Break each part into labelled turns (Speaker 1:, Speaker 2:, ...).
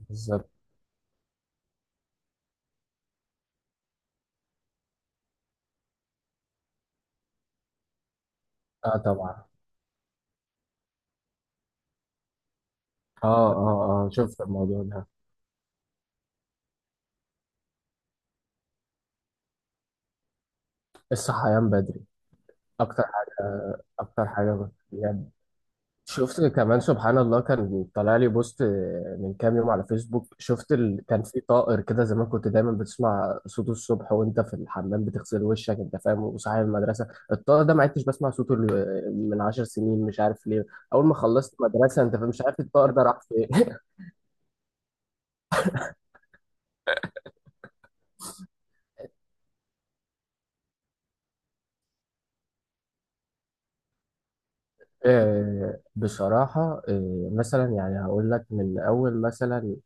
Speaker 1: بالظبط. اه، طبعا. اه اه اه، شفت الموضوع ده. الصحيان بدري. اكتر حاجه بجد. شفت كمان، سبحان الله، كان طالع لي بوست من كام يوم على فيسبوك. شفت كان في طائر كده زمان، كنت دايما بتسمع صوته الصبح وانت في الحمام بتغسل وشك، انت فاهم، وصاحي المدرسه. الطائر ده ما عدتش بسمع صوته من 10 سنين، مش عارف ليه. اول ما خلصت مدرسه، انت فاهم، مش عارف الطائر ده راح فين. بصراحة، مثلا يعني هقول لك من أول، مثلا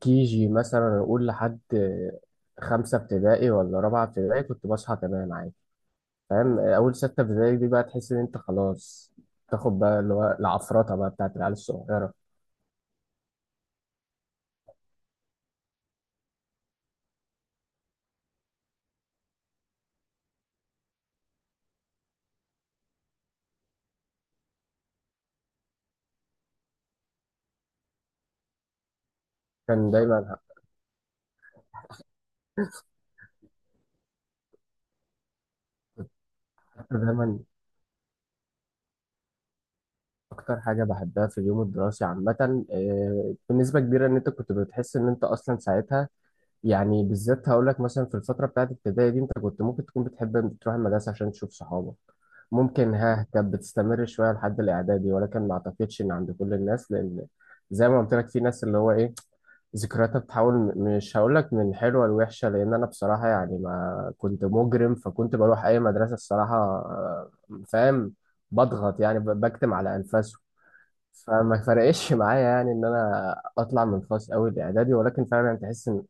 Speaker 1: كي جي، مثلا أقول لحد 5 ابتدائي ولا رابعة ابتدائي كنت بصحى تمام عادي. فاهم، أول 6 ابتدائي دي بقى تحس إن أنت خلاص تاخد بقى اللي هو العفرطة بقى بتاعت العيال الصغيرة. كان دايما دايما أكتر حاجة بحبها في اليوم الدراسي عامة، بنسبة كبيرة، إن أنت كنت بتحس إن أنت أصلا ساعتها يعني بالذات، هقول لك مثلا في الفترة بتاعت الابتدائي دي، انت كنت ممكن تكون بتحب ان تروح المدرسة عشان تشوف صحابك. ممكن ها كانت بتستمر شوية لحد الإعدادي، ولكن ما أعتقدش إن عند كل الناس، لأن زي ما قلت لك في ناس اللي هو إيه، ذكرياتها بتحاول، مش هقول لك من حلوة لوحشة، لأن أنا بصراحة يعني ما كنت مجرم، فكنت بروح أي مدرسة الصراحة، فاهم. بضغط يعني، بكتم على أنفاسه. فما فرقش معايا يعني إن أنا أطلع من فصل أول إعدادي، ولكن فعلا تحس إن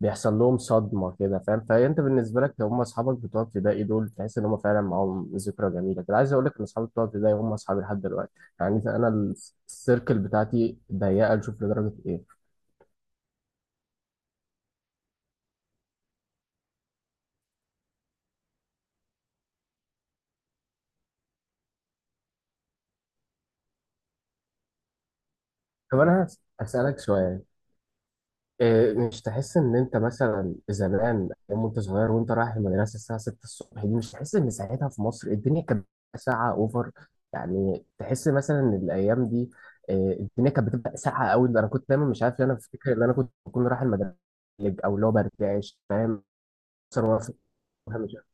Speaker 1: بيحصل لهم صدمة كده، فاهم؟ فأنت بالنسبة لك، هم أصحابك بتوع ابتدائي دول، تحس إن هم فعلا معاهم ذكرى جميلة كده. عايز أقول لك إن أصحابي بتوع ابتدائي هم أصحابي لحد دلوقتي. يعني أنا السيركل بتاعتي ضيقة، نشوف لدرجة إيه. طب أنا هسألك شوية. إيه، مش تحس ان انت مثلا زمان يوم انت صغير وانت رايح المدرسه الساعه 6 الصبح دي، مش تحس ان ساعتها في مصر الدنيا كانت بتبقى ساعه اوفر؟ يعني تحس مثلا ان الايام دي إيه، الدنيا كانت بتبقى ساقعه قوي. انا كنت دايما مش عارف ليه انا بفتكر ان انا كنت بكون رايح المدرسه او اللي هو برجعش، فاهم. مثلا مش عارف.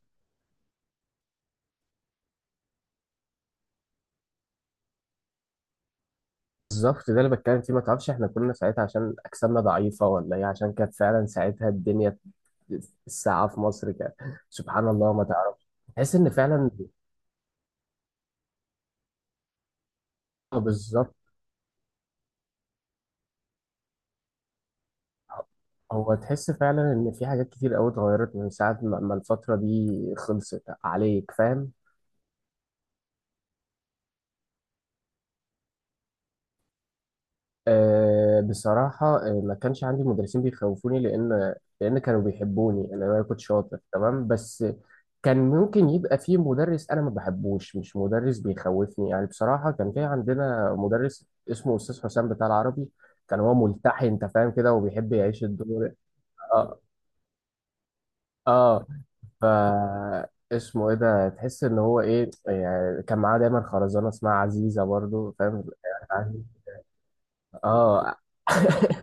Speaker 1: بالظبط، ده اللي بتكلم فيه. ما تعرفش احنا كنا ساعتها عشان اجسامنا ضعيفه ولا ايه، عشان كانت فعلا ساعتها الدنيا، الساعه في مصر كانت، سبحان الله، ما تعرفش. تحس ان فعلا. بالظبط. هو تحس فعلا ان في حاجات كتير قوي اتغيرت من ساعة ما الفترة دي خلصت عليك، فاهم. أه بصراحة ما كانش عندي مدرسين بيخوفوني، لان كانوا بيحبوني. انا أنا كنت شاطر تمام. بس كان ممكن يبقى في مدرس انا ما بحبوش، مش مدرس بيخوفني يعني. بصراحة كان في عندنا مدرس اسمه استاذ حسام بتاع العربي. كان هو ملتحي، انت فاهم كده، وبيحب يعيش الدور. اه. اه. ف اسمه ايه ده، تحس ان هو ايه يعني. كان معاه دايما خرزانه اسمها عزيزه، برضو فاهم يعني؟ اه.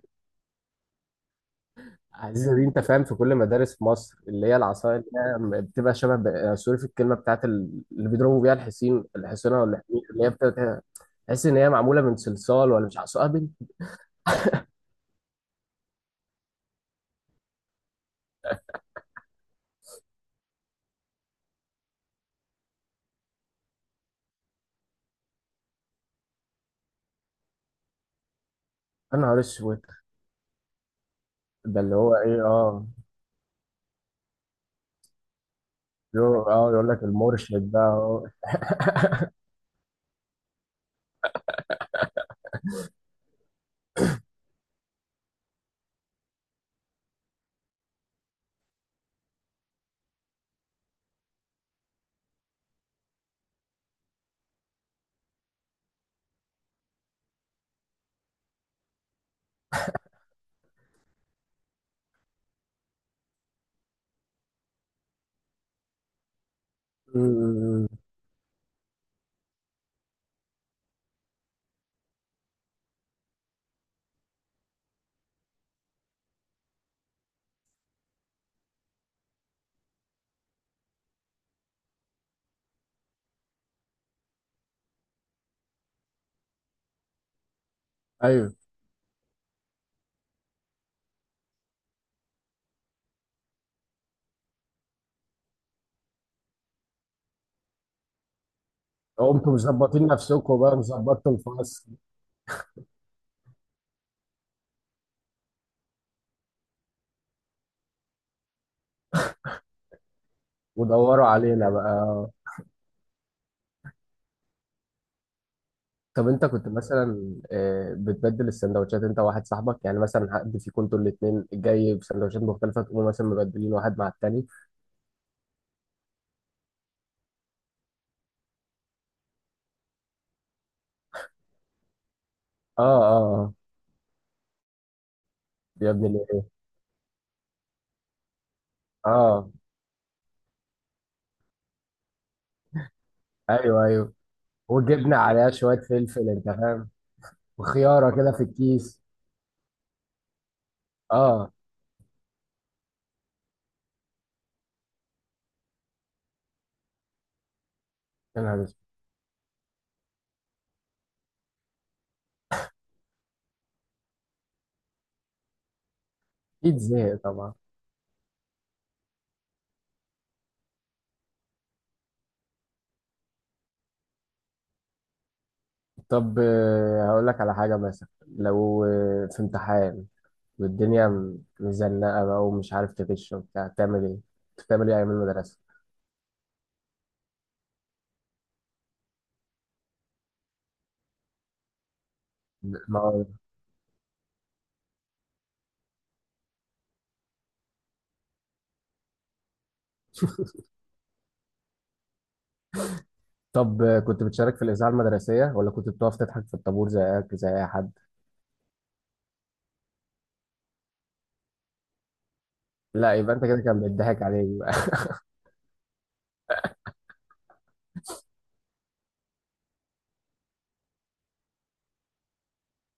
Speaker 1: عزيزه دي، انت فاهم، في كل مدارس مصر، اللي هي العصايه، اللي هي بتبقى شبه، سوري، في الكلمه بتاعت اللي بيضربوا بيها الحصين، الحصينه ولا الحمير، اللي هي بتبقى تحس ان هي معموله من صلصال، ولا مش عصايه بنت. يا نهار اسود. ده اللي هو ايه، اه. اه، يقول لك المرشد بقى اهو. م- م- م. ايوه. قمتوا مظبطين نفسكم بقى وظبطتوا الفصل ودوروا علينا بقى. طب انت كنت مثلا بتبدل السندوتشات انت وواحد صاحبك؟ يعني مثلا حد فيكم انتوا الاثنين جاي بسندوتشات مختلفه تقوموا مثلا مبدلين واحد مع التاني؟ اه اه يا ابن الايه. اه. ايوه ايوه، وجبنا عليها شويه فلفل، انت فاهم، وخياره كده في الكيس. اه. يا نهار اسود. اكيد زهق طبعا. طب هقول لك على حاجه. مثلا لو في امتحان والدنيا مزنقة بقى ومش عارف تغش وبتاع، تعمل ايه؟ كنت بتعمل ايه أيام المدرسة؟ ما هو- طب كنت بتشارك في الإذاعة المدرسية، ولا كنت بتقف تضحك في الطابور زيك زي أي حد؟ لا، يبقى أنت كده كان بيضحك عليك بقى.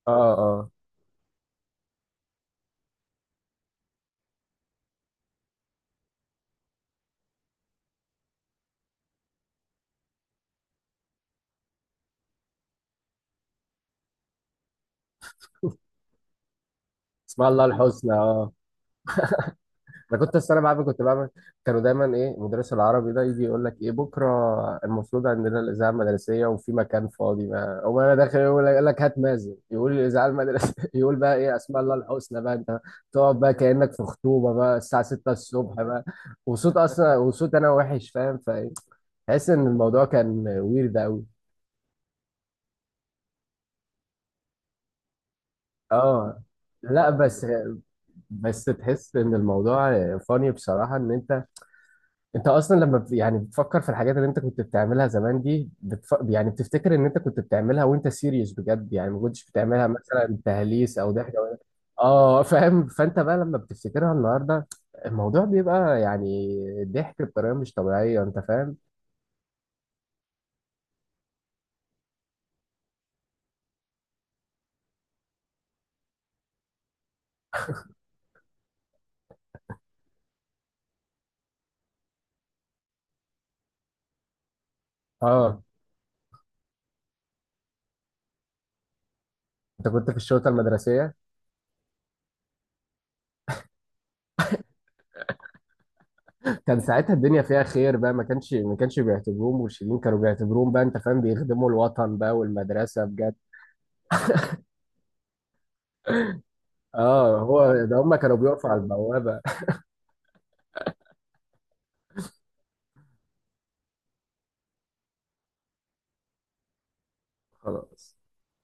Speaker 1: اه اه. اسمع الله الحسنى، اه. انا كنت السنه بعمل. كانوا دايما ايه مدرس العربي ده يجي يقول لك ايه بكره المفروض عندنا الاذاعه المدرسيه وفي مكان فاضي بقى، اقوم انا داخل. يقول لك هات مازن يقول الاذاعه المدرسيه. يقول بقى ايه اسماء الله الحسنى بقى انت، تقعد بقى كانك في خطوبه بقى الساعه 6 الصبح بقى. وصوت انا وحش، فاهم. فتحس ان الموضوع كان ويرد قوي، اه. لا بس، بس تحس ان الموضوع فاني بصراحه ان انت، انت اصلا لما يعني بتفكر في الحاجات اللي انت كنت بتعملها زمان دي يعني بتفتكر ان انت كنت بتعملها وانت سيريس بجد، يعني ما كنتش بتعملها مثلا تهليس او ضحك او، اه، فاهم. فانت بقى لما بتفتكرها النهارده، الموضوع بيبقى يعني ضحك بطريقه مش طبيعيه، انت فاهم. اه. انت كنت في الشرطه المدرسيه. كان ساعتها الدنيا فيها خير بقى، ما كانش بيعتبروهم مرشدين، كانوا بيعتبروهم بقى انت فاهم بيخدموا الوطن بقى والمدرسه بجد. اه، هو ده، هم كانوا بيقفوا على البوابه. خلاص.